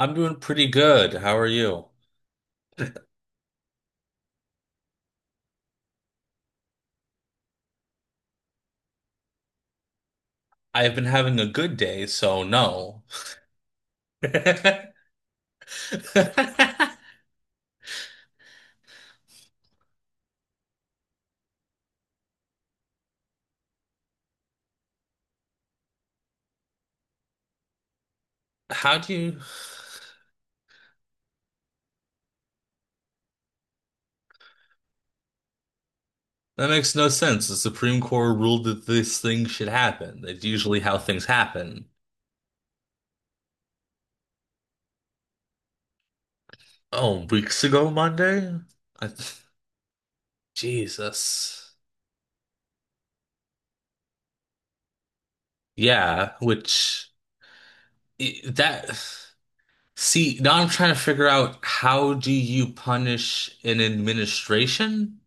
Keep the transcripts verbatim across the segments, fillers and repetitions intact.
I'm doing pretty good. How are you? I've been having a good day, so no. How do you? That makes no sense. The Supreme Court ruled that this thing should happen. That's usually how things happen. Oh, weeks ago Monday? I... Jesus. Yeah, which I- that see, now I'm trying to figure out, how do you punish an administration?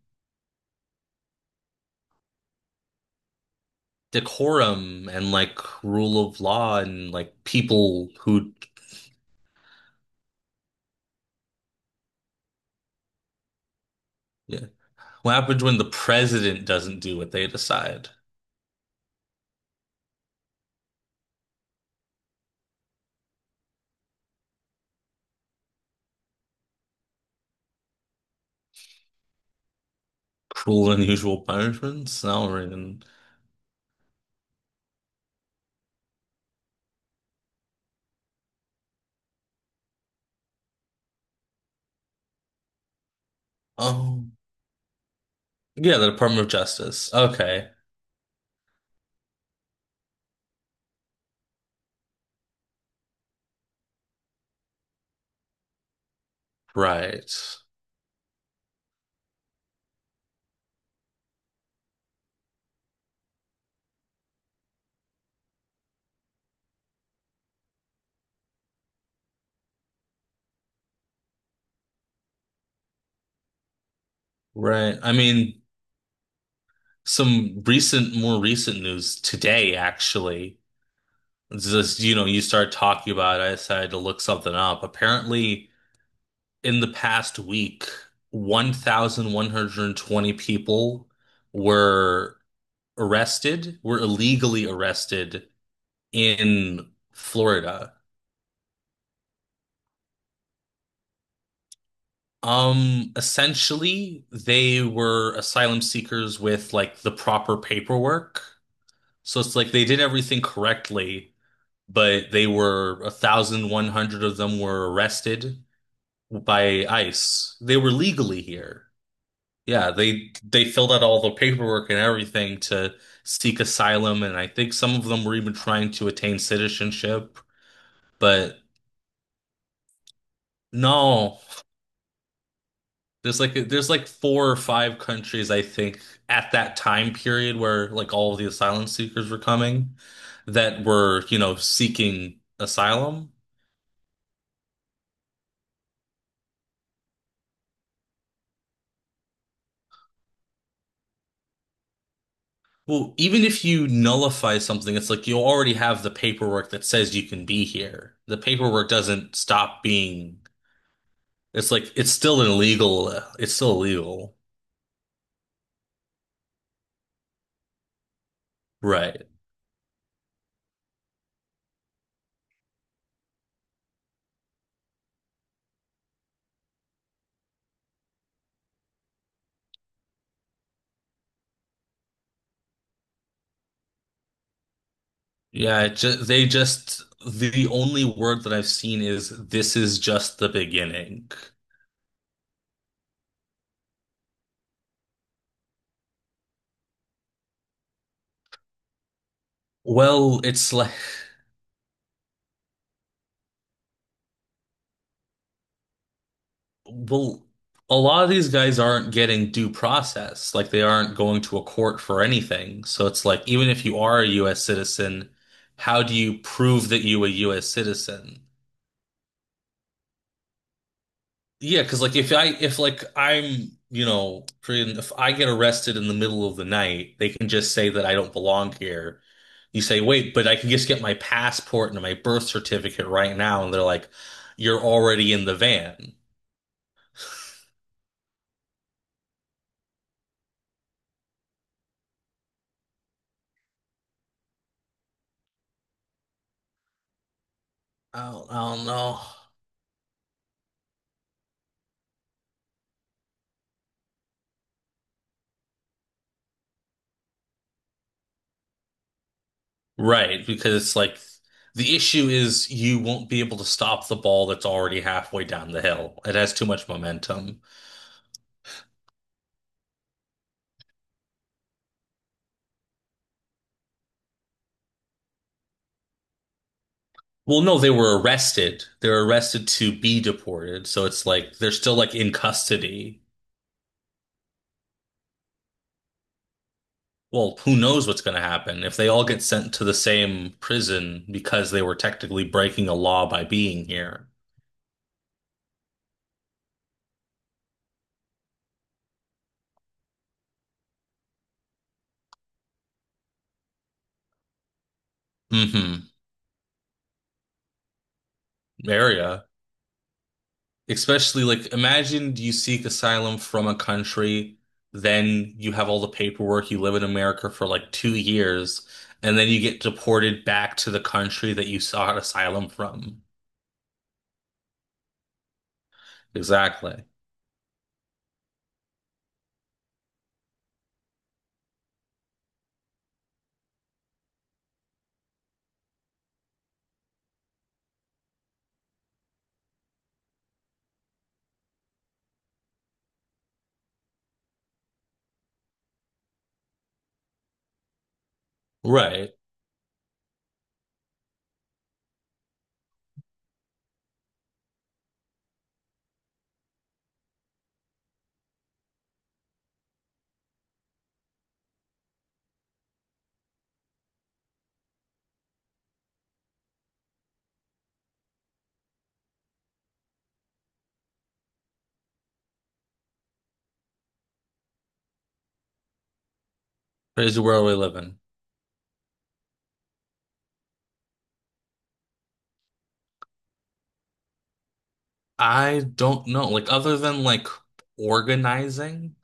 Decorum and like rule of law and like people who yeah. What happens when the president doesn't do what they decide? Cruel and unusual punishments? Snellring and oh yeah, the Department of Justice. Okay. Right. Right. I mean, some recent, more recent news today actually. It's just, you know, you start talking about it, I decided to look something up. Apparently in the past week, one thousand one hundred twenty people were arrested, were illegally arrested in Florida. Um, essentially, they were asylum seekers with like the proper paperwork. So it's like they did everything correctly, but they were one thousand one hundred of them were arrested by ICE. They were legally here. Yeah, they they filled out all the paperwork and everything to seek asylum, and I think some of them were even trying to attain citizenship. But no, there's like there's like four or five countries I think at that time period where like all of the asylum seekers were coming that were, you know, seeking asylum. Well, even if you nullify something, it's like you already have the paperwork that says you can be here. The paperwork doesn't stop being. It's like it's still an illegal. uh, It's still illegal, right? Yeah, it just they just the only word that I've seen is this is just the beginning. Well, it's like well, a lot of these guys aren't getting due process. Like they aren't going to a court for anything. So it's like even if you are a U S citizen, how do you prove that you a U S citizen? Yeah, because like if I if like I'm you know pretty- if I get arrested in the middle of the night, they can just say that I don't belong here. You say, wait, but I can just get my passport and my birth certificate right now, and they're like, you're already in the van. I don't, I don't know. Right, because it's like the issue is you won't be able to stop the ball that's already halfway down the hill. It has too much momentum. Well, no, they were arrested. They are arrested to be deported. So it's like they're still like in custody. Well, who knows what's going to happen if they all get sent to the same prison because they were technically breaking a law by being here. Hmm. Area. Especially like imagine you seek asylum from a country, then you have all the paperwork, you live in America for like two years, and then you get deported back to the country that you sought asylum from. Exactly. Right. Crazy world we live in. I don't know. Like other than like organizing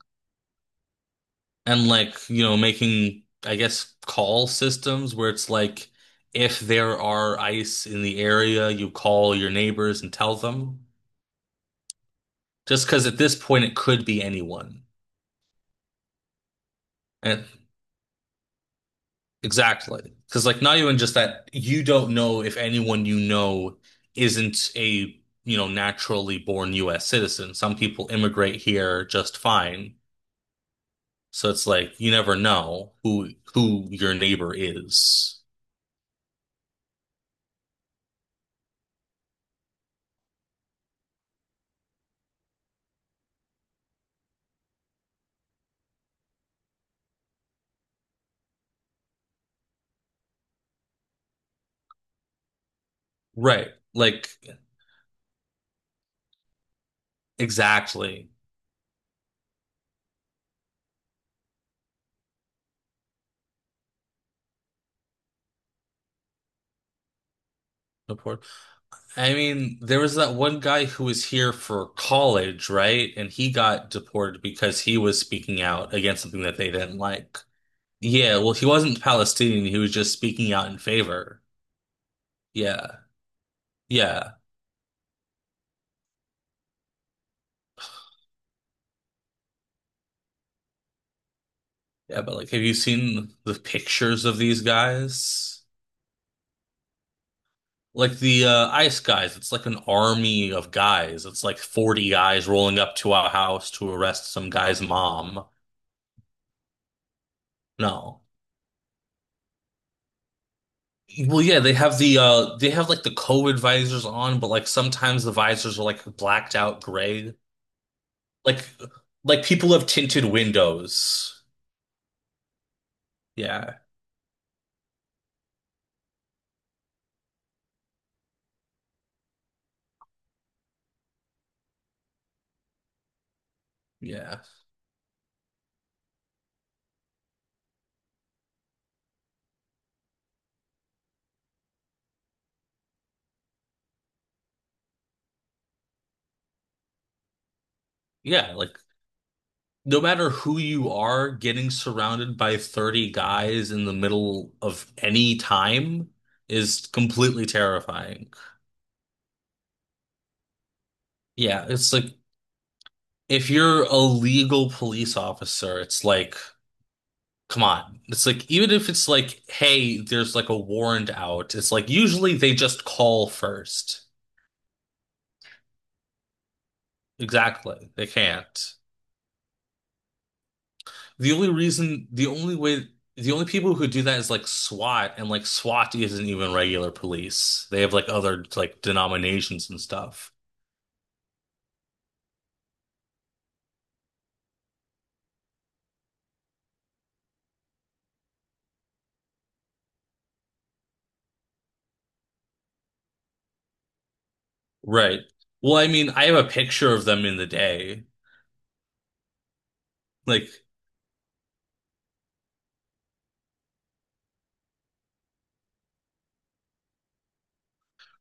and like, you know, making I guess call systems where it's like if there are ice in the area, you call your neighbors and tell them. Just because at this point it could be anyone. And exactly. Because like not even just that you don't know if anyone you know isn't a, you know, naturally born U S citizen. Some people immigrate here just fine. So it's like you never know who who your neighbor is. Right. Like exactly. Newport. I mean, there was that one guy who was here for college, right? And he got deported because he was speaking out against something that they didn't like. Yeah, well, he wasn't Palestinian, he was just speaking out in favor. Yeah. Yeah. Yeah, but like have you seen the pictures of these guys? Like the uh, ice guys, it's like an army of guys. It's like forty guys rolling up to our house to arrest some guy's mom. No. Well, yeah, they have the uh they have like the COVID visors on, but like sometimes the visors are like blacked out gray. Like like people have tinted windows. Yeah. Yeah. Yeah, like no matter who you are, getting surrounded by thirty guys in the middle of any time is completely terrifying. Yeah, it's like if you're a legal police officer, it's like, come on. It's like even if it's like, hey, there's like a warrant out, it's like usually they just call first. Exactly. They can't. The only reason, the only way, the only people who do that is like SWAT, and like SWAT isn't even regular police. They have like other like denominations and stuff. Right. Well, I mean, I have a picture of them in the day. Like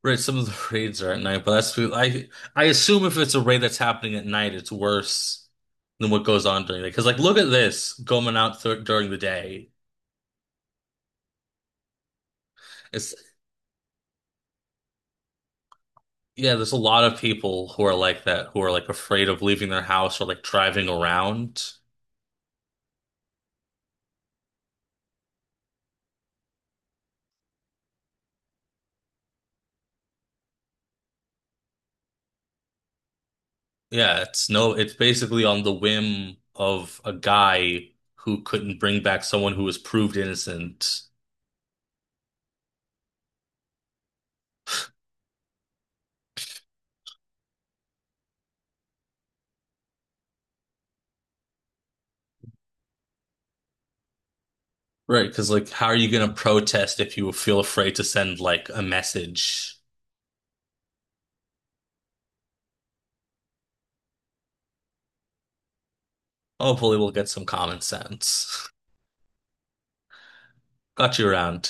right, some of the raids are at night, but that's I I assume if it's a raid that's happening at night, it's worse than what goes on during the. Because like, look at this going out th during the day. It's yeah, there's a lot of people who are like that, who are like afraid of leaving their house or like driving around. Yeah, it's no, it's basically on the whim of a guy who couldn't bring back someone who was proved innocent. Right, because like, how are you gonna protest if you feel afraid to send like a message? Hopefully, we'll get some common sense. Got you around.